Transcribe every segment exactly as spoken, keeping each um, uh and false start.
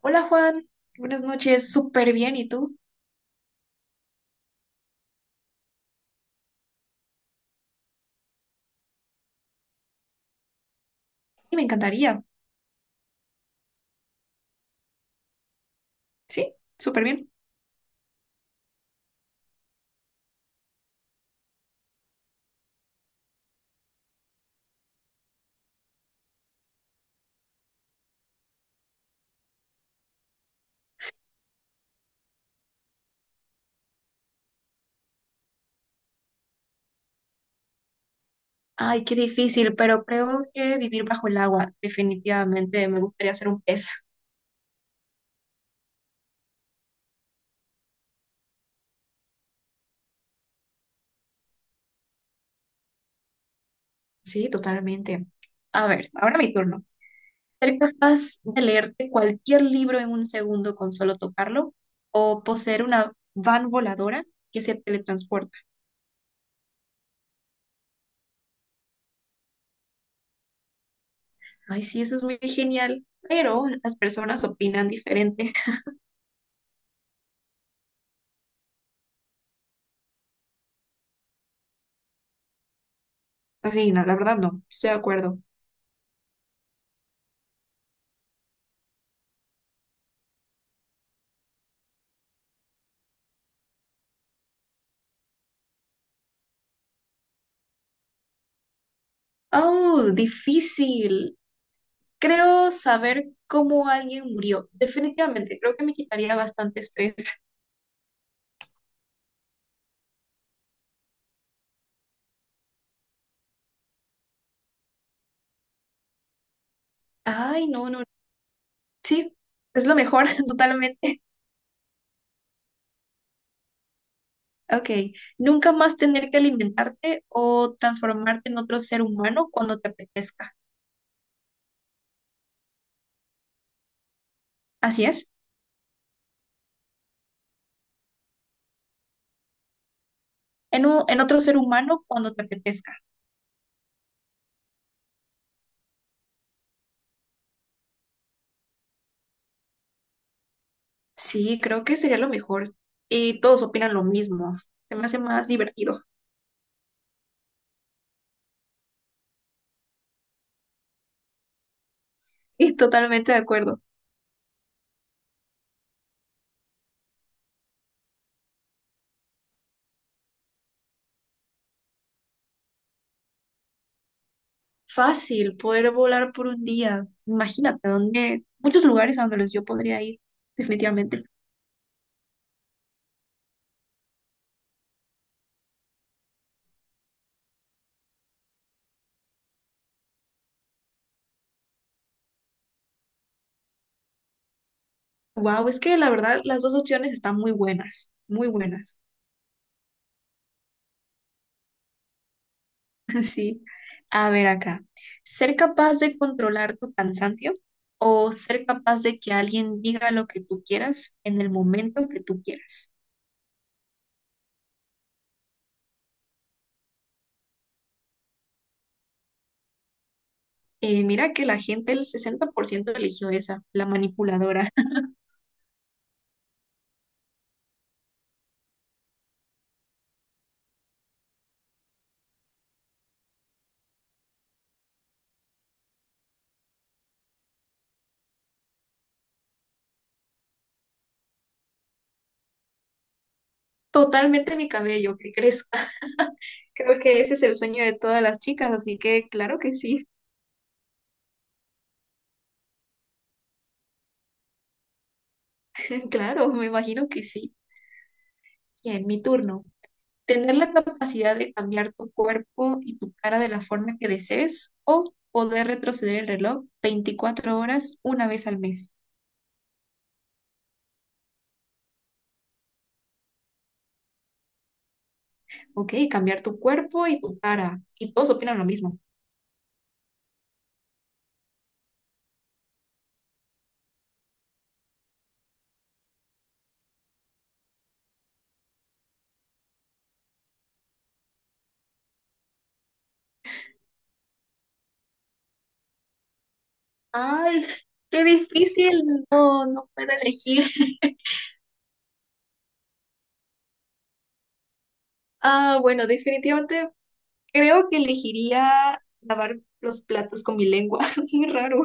Hola Juan, buenas noches, súper bien, ¿y tú? Y me encantaría, sí, súper bien. Ay, qué difícil, pero creo que vivir bajo el agua, definitivamente me gustaría ser un pez, sí, totalmente. A ver, ahora mi turno. ¿Ser capaz de leerte cualquier libro en un segundo con solo tocarlo? ¿O poseer una van voladora que se teletransporta? Ay, sí, eso es muy genial, pero las personas opinan diferente. Así, no, la verdad no, estoy de acuerdo. Oh, difícil. Creo saber cómo alguien murió. Definitivamente, creo que me quitaría bastante estrés. Ay, no, no. Sí, es lo mejor, totalmente. Ok, nunca más tener que alimentarte o transformarte en otro ser humano cuando te apetezca. Así es, en, u- en otro ser humano cuando te apetezca. Sí, creo que sería lo mejor. Y todos opinan lo mismo. Se me hace más divertido. Y totalmente de acuerdo. Fácil poder volar por un día. Imagínate, donde muchos lugares a donde los yo podría ir, definitivamente. Wow, es que la verdad las dos opciones están muy buenas, muy buenas. Sí. A ver acá. ¿Ser capaz de controlar tu cansancio o ser capaz de que alguien diga lo que tú quieras en el momento que tú quieras? Eh, mira que la gente, el sesenta por ciento eligió esa, la manipuladora. Totalmente mi cabello, ¿qué crees? Creo que ese es el sueño de todas las chicas, así que claro que sí, claro, me imagino que sí. Bien, mi turno. Tener la capacidad de cambiar tu cuerpo y tu cara de la forma que desees o poder retroceder el reloj veinticuatro horas una vez al mes. Ok, cambiar tu cuerpo y tu cara. Y todos opinan lo mismo. Ay, qué difícil. No, no puedo elegir. Ah, bueno, definitivamente creo que elegiría lavar los platos con mi lengua. Muy raro.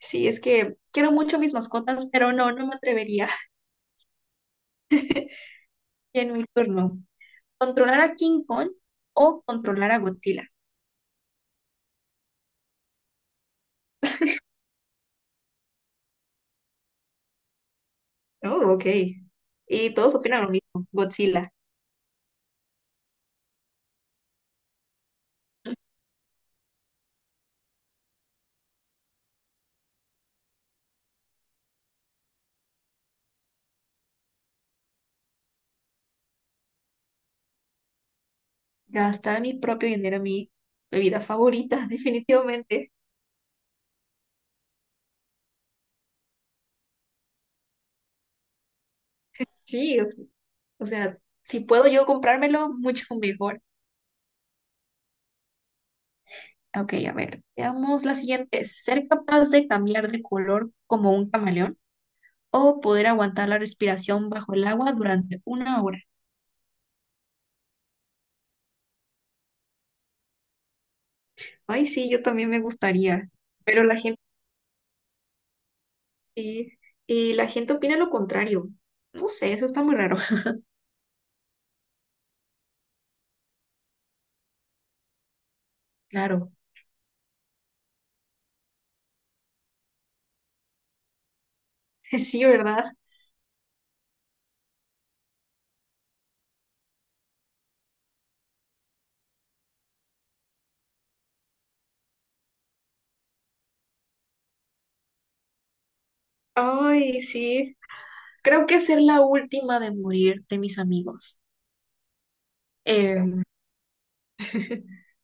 Sí, es que quiero mucho mis mascotas, pero no, no me atrevería. Y en mi turno, controlar a King Kong o controlar a Godzilla. Oh, ok. Y todos opinan lo mismo, Godzilla. Gastar mi propio dinero en mi bebida favorita, definitivamente. Sí, o o sea, si puedo yo comprármelo, mucho mejor. Ok, a ver, veamos la siguiente. ¿Ser capaz de cambiar de color como un camaleón o poder aguantar la respiración bajo el agua durante una hora? Ay, sí, yo también me gustaría, pero la gente sí, y la gente opina lo contrario. No sé, eso está muy raro. Claro, sí, ¿verdad? Ay, sí. Creo que ser la última de morir de mis amigos. Em,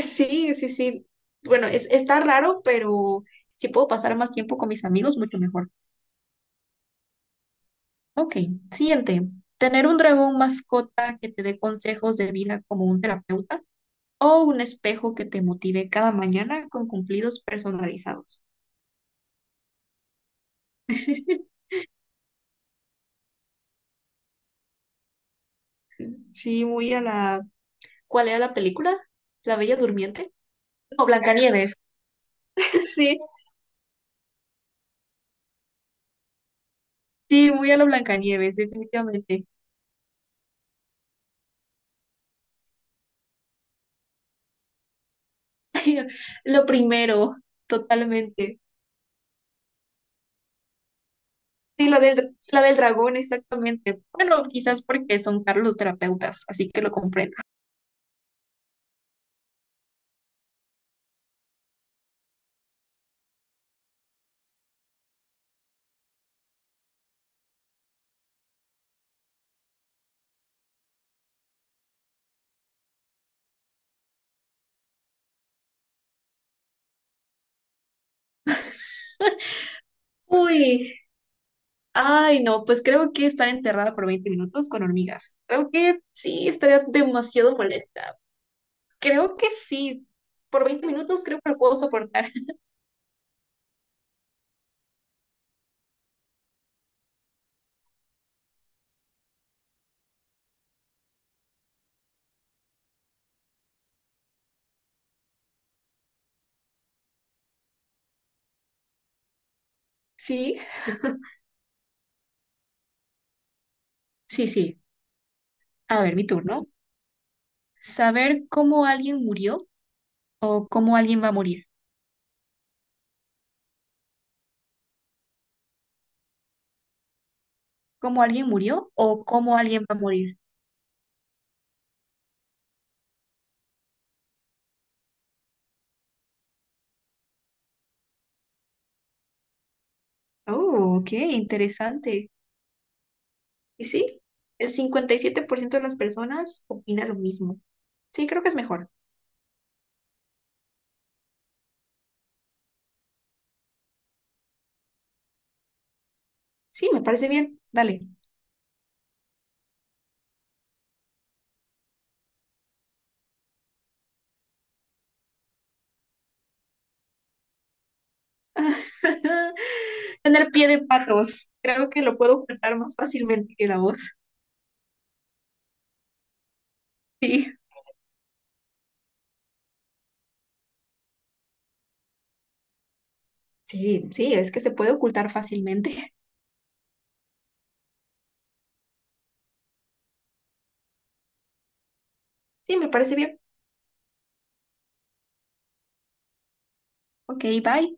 sí, sí, sí. Bueno, es, está raro, pero si puedo pasar más tiempo con mis amigos, mucho mejor. Ok, siguiente. Tener un dragón mascota que te dé consejos de vida como un terapeuta. O un espejo que te motive cada mañana con cumplidos personalizados. Sí, muy a la... ¿Cuál era la película? ¿La Bella Durmiente? No, Blancanieves. Sí, sí, muy a la Blancanieves, definitivamente. Lo primero, totalmente. Sí, la del, la del dragón, exactamente. Bueno, quizás porque son caros los terapeutas, así que lo comprendo. Uy, ay, no, pues creo que estar enterrada por veinte minutos con hormigas. Creo que sí, estaría demasiado molesta. Creo que sí. Por veinte minutos creo que lo puedo soportar. Sí, sí, sí. A ver, mi turno. Saber cómo alguien murió o cómo alguien va a morir. ¿Cómo alguien murió o cómo alguien va a morir? Oh, qué interesante. Y sí, el cincuenta y siete por ciento de las personas opina lo mismo. Sí, creo que es mejor. Sí, me parece bien. Dale. Tener pie de patos. Creo que lo puedo ocultar más fácilmente que la voz. Sí, sí, sí, es que se puede ocultar fácilmente. Sí, me parece bien. Ok, bye.